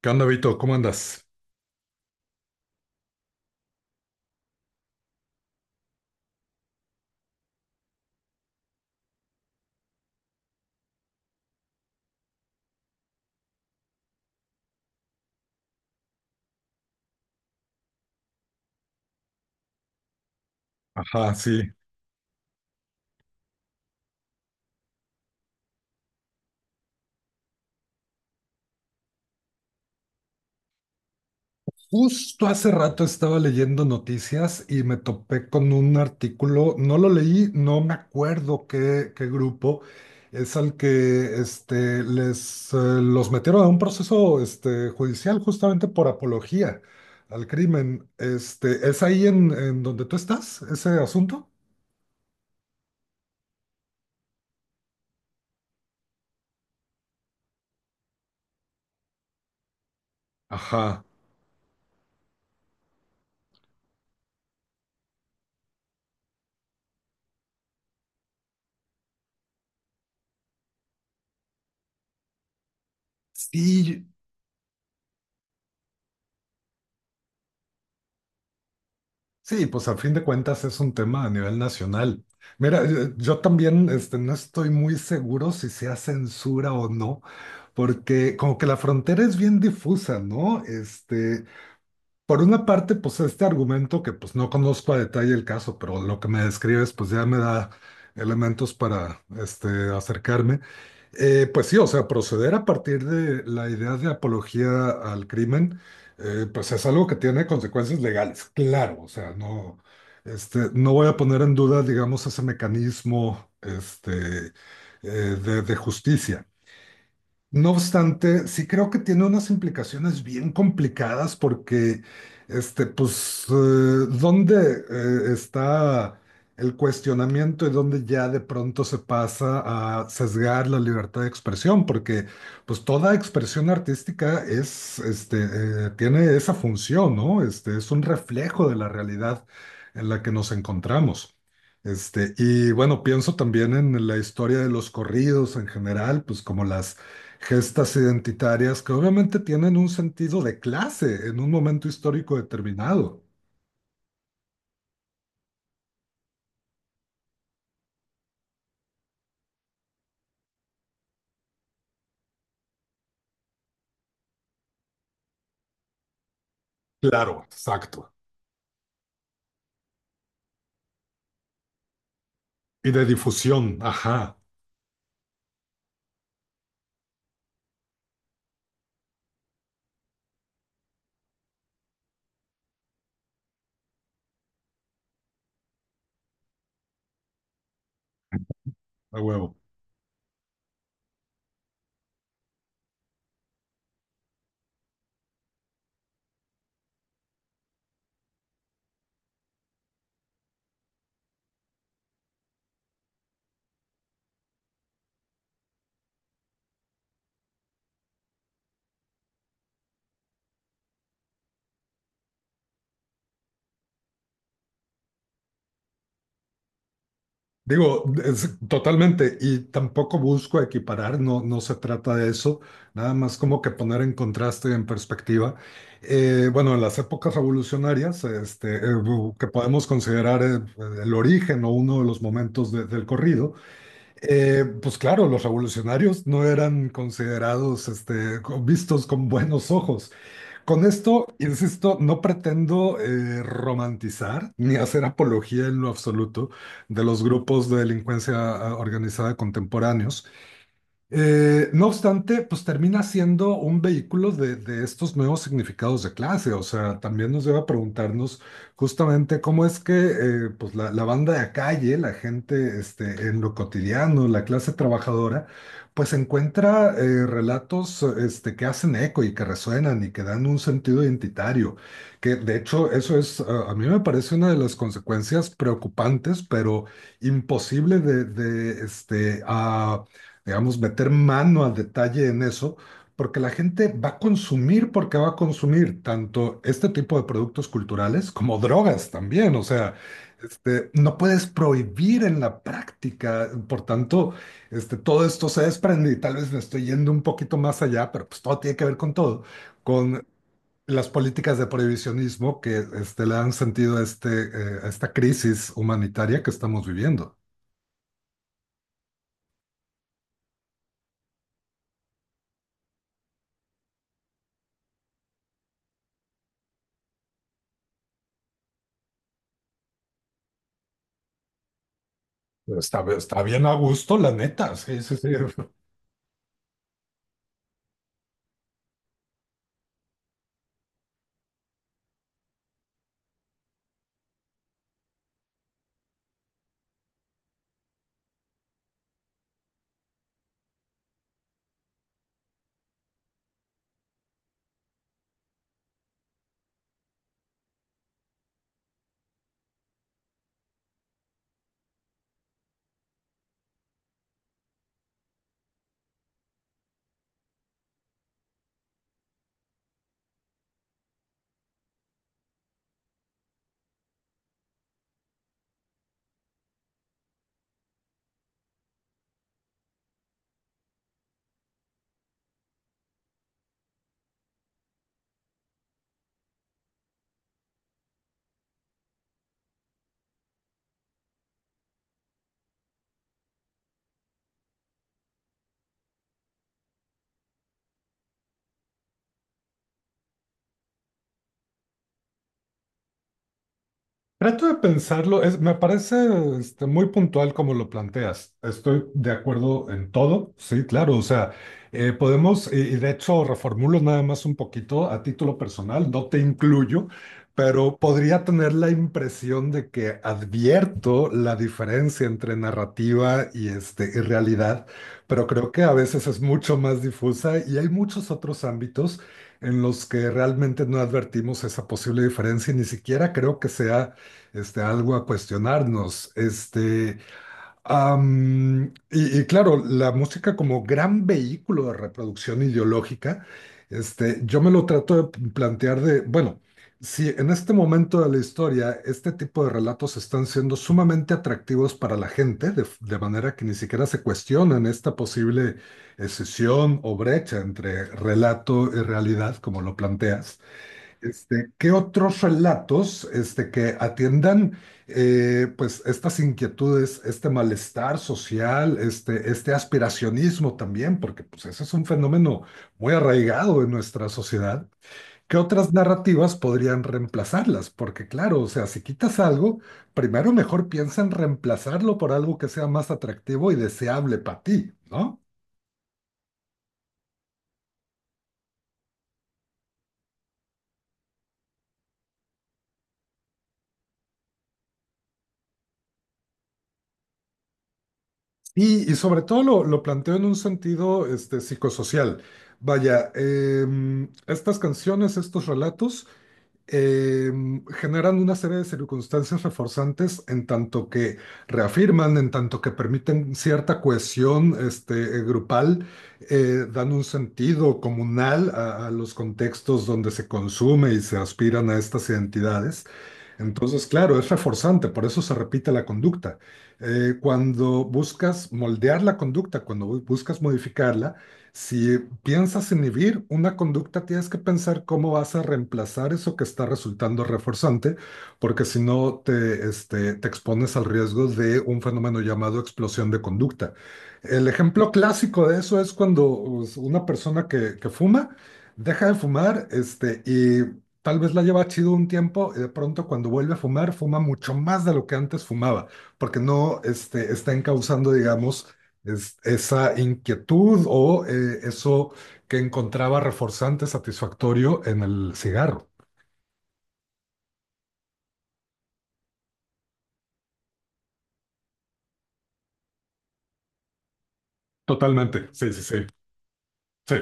¿Qué onda, Vito? ¿Cómo andas? Ajá, sí. Justo hace rato estaba leyendo noticias y me topé con un artículo, no lo leí, no me acuerdo qué, qué grupo, es al que los metieron a un proceso judicial justamente por apología al crimen. ¿Es ahí en donde tú estás, ese asunto? Ajá. Sí, sí, pues al fin de cuentas es un tema a nivel nacional. Mira, yo también no estoy muy seguro si sea censura o no, porque como que la frontera es bien difusa, ¿no? Por una parte, pues este argumento que pues no conozco a detalle el caso, pero lo que me describes pues ya me da elementos para acercarme. Pues sí, o sea, proceder a partir de la idea de apología al crimen, pues es algo que tiene consecuencias legales, claro, o sea, no, no voy a poner en duda, digamos, ese mecanismo eh, de justicia. No obstante, sí creo que tiene unas implicaciones bien complicadas porque, pues, ¿dónde está el cuestionamiento y dónde ya de pronto se pasa a sesgar la libertad de expresión? Porque, pues, toda expresión artística es, tiene esa función, ¿no? Es un reflejo de la realidad en la que nos encontramos. Y bueno, pienso también en la historia de los corridos en general, pues como las gestas identitarias que obviamente tienen un sentido de clase en un momento histórico determinado. Claro, exacto. Y de difusión, ajá, a huevo. Digo, totalmente, y tampoco busco equiparar, no, no se trata de eso, nada más como que poner en contraste y en perspectiva. Bueno, en las épocas revolucionarias, que podemos considerar el origen o uno de los momentos del corrido. Pues claro, los revolucionarios no eran considerados, vistos con buenos ojos. Con esto, insisto, no pretendo romantizar ni hacer apología en lo absoluto de los grupos de delincuencia organizada contemporáneos. No obstante, pues termina siendo un vehículo de estos nuevos significados de clase. O sea, también nos lleva a preguntarnos justamente cómo es que pues la banda de calle, la gente en lo cotidiano, la clase trabajadora, pues encuentra relatos que hacen eco y que resuenan y que dan un sentido identitario. Que de hecho eso es, a mí me parece una de las consecuencias preocupantes, pero imposible de digamos, meter mano al detalle en eso, porque la gente va a consumir, porque va a consumir tanto este tipo de productos culturales como drogas también. O sea, no puedes prohibir en la práctica. Por tanto, todo esto se desprende y tal vez me estoy yendo un poquito más allá, pero pues todo tiene que ver con todo. Con las políticas de prohibicionismo que le han sentido a, a esta crisis humanitaria que estamos viviendo. Está, está bien a gusto, la neta, sí, sí, sí. Trato de pensarlo, es, me parece muy puntual como lo planteas. Estoy de acuerdo en todo, sí, claro, o sea, podemos, y de hecho reformulo nada más un poquito a título personal, no te incluyo, pero podría tener la impresión de que advierto la diferencia entre narrativa y realidad, pero creo que a veces es mucho más difusa y hay muchos otros ámbitos en los que realmente no advertimos esa posible diferencia y ni siquiera creo que sea algo a cuestionarnos. Y claro, la música como gran vehículo de reproducción ideológica, yo me lo trato de plantear de, bueno, si en este momento de la historia este tipo de relatos están siendo sumamente atractivos para la gente, de manera que ni siquiera se cuestionan esta posible escisión o brecha entre relato y realidad, como lo planteas. ¿Qué otros relatos que atiendan pues estas inquietudes, este malestar social, este aspiracionismo también, porque pues ese es un fenómeno muy arraigado en nuestra sociedad? ¿Qué otras narrativas podrían reemplazarlas? Porque claro, o sea, si quitas algo, primero mejor piensa en reemplazarlo por algo que sea más atractivo y deseable para ti, ¿no? Y sobre todo lo planteo en un sentido psicosocial. Vaya, estas canciones, estos relatos, generan una serie de circunstancias reforzantes en tanto que reafirman, en tanto que permiten cierta cohesión grupal, dan un sentido comunal a los contextos donde se consume y se aspiran a estas identidades. Entonces, claro, es reforzante, por eso se repite la conducta. Cuando buscas moldear la conducta, buscas modificarla, si piensas inhibir una conducta, tienes que pensar cómo vas a reemplazar eso que está resultando reforzante, porque si no te, te expones al riesgo de un fenómeno llamado explosión de conducta. El ejemplo clásico de eso es cuando pues, una persona que fuma deja de fumar, y tal vez la lleva chido un tiempo y de pronto cuando vuelve a fumar, fuma mucho más de lo que antes fumaba, porque no está encauzando, digamos, esa inquietud o eso que encontraba reforzante, satisfactorio en el cigarro. Totalmente, sí, sí, sí, sí,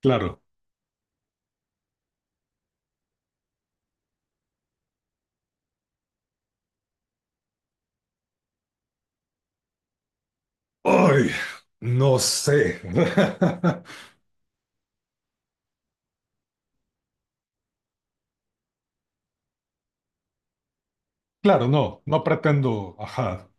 claro. ¡Ay! No sé. Claro, no, no pretendo, ajá.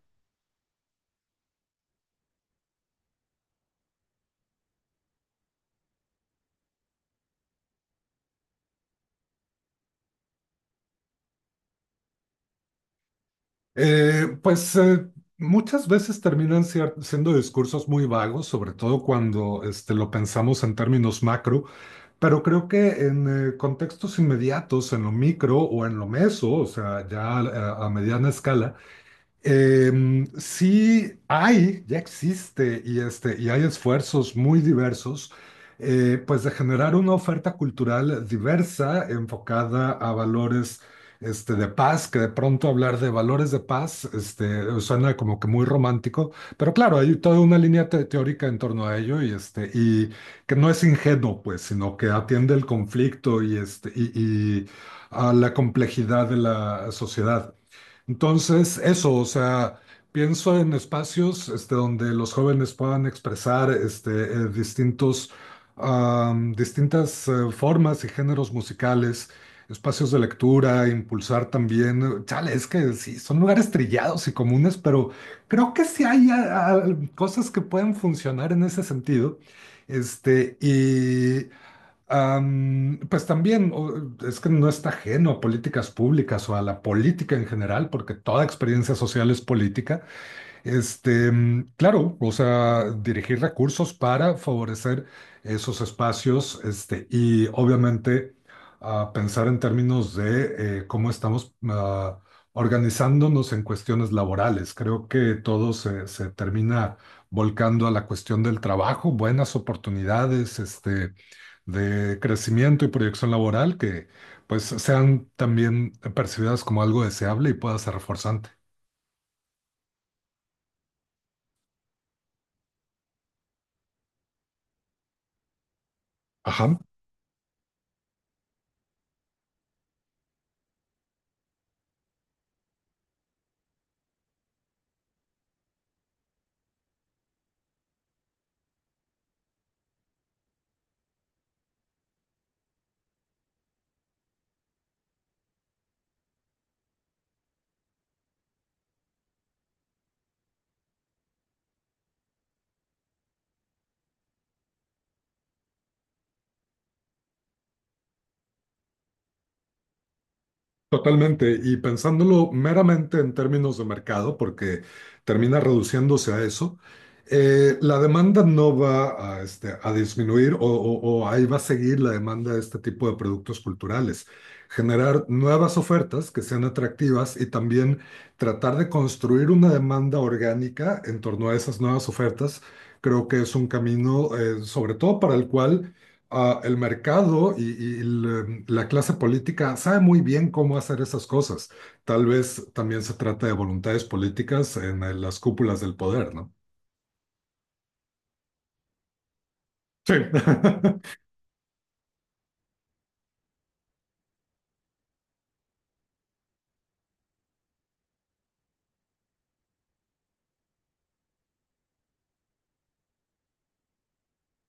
Eh, pues eh, Muchas veces terminan siendo discursos muy vagos, sobre todo cuando lo pensamos en términos macro, pero creo que en contextos inmediatos, en lo micro o en lo meso, o sea, ya a mediana escala, sí hay, ya existe, y hay esfuerzos muy diversos, pues de generar una oferta cultural diversa, enfocada a valores de paz, que de pronto hablar de valores de paz suena como que muy romántico, pero claro, hay toda una línea teórica en torno a ello que no es ingenuo, pues, sino que atiende el conflicto y a la complejidad de la sociedad. Entonces, eso, o sea, pienso en espacios donde los jóvenes puedan expresar distintos, distintas formas y géneros musicales, espacios de lectura, impulsar también. Chale, es que sí, son lugares trillados y comunes, pero creo que sí hay cosas que pueden funcionar en ese sentido. Este, y. Pues también es que no está ajeno a políticas públicas o a la política en general, porque toda experiencia social es política. Claro, o sea, dirigir recursos para favorecer esos espacios, y obviamente pensar en términos de cómo estamos organizándonos en cuestiones laborales. Creo que todo se termina volcando a la cuestión del trabajo, buenas oportunidades, de crecimiento y proyección laboral que pues sean también percibidas como algo deseable y pueda ser reforzante. Ajá. Totalmente, y pensándolo meramente en términos de mercado, porque termina reduciéndose a eso, la demanda no va a, a disminuir o ahí va a seguir la demanda de este tipo de productos culturales. Generar nuevas ofertas que sean atractivas y también tratar de construir una demanda orgánica en torno a esas nuevas ofertas, creo que es un camino, sobre todo para el cual el mercado y la clase política sabe muy bien cómo hacer esas cosas. Tal vez también se trata de voluntades políticas en las cúpulas del poder, ¿no? Sí,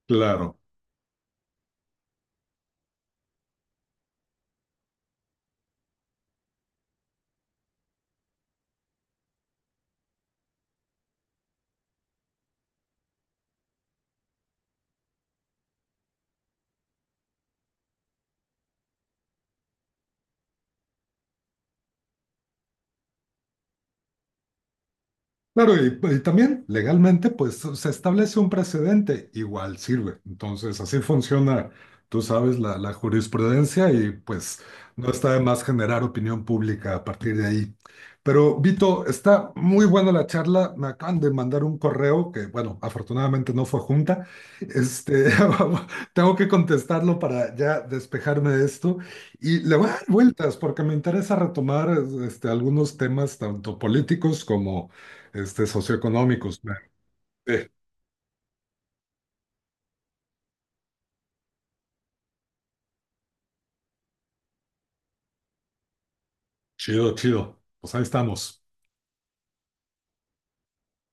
claro. Claro, y también legalmente, pues se establece un precedente, igual sirve. Entonces, así funciona, tú sabes, la jurisprudencia y pues no está de más generar opinión pública a partir de ahí. Pero, Vito, está muy buena la charla. Me acaban de mandar un correo que, bueno, afortunadamente no fue junta. Este, tengo que contestarlo para ya despejarme de esto. Y le voy a dar vueltas porque me interesa retomar algunos temas tanto políticos como socioeconómicos. Claro. Sí, chido, chido. Pues ahí estamos.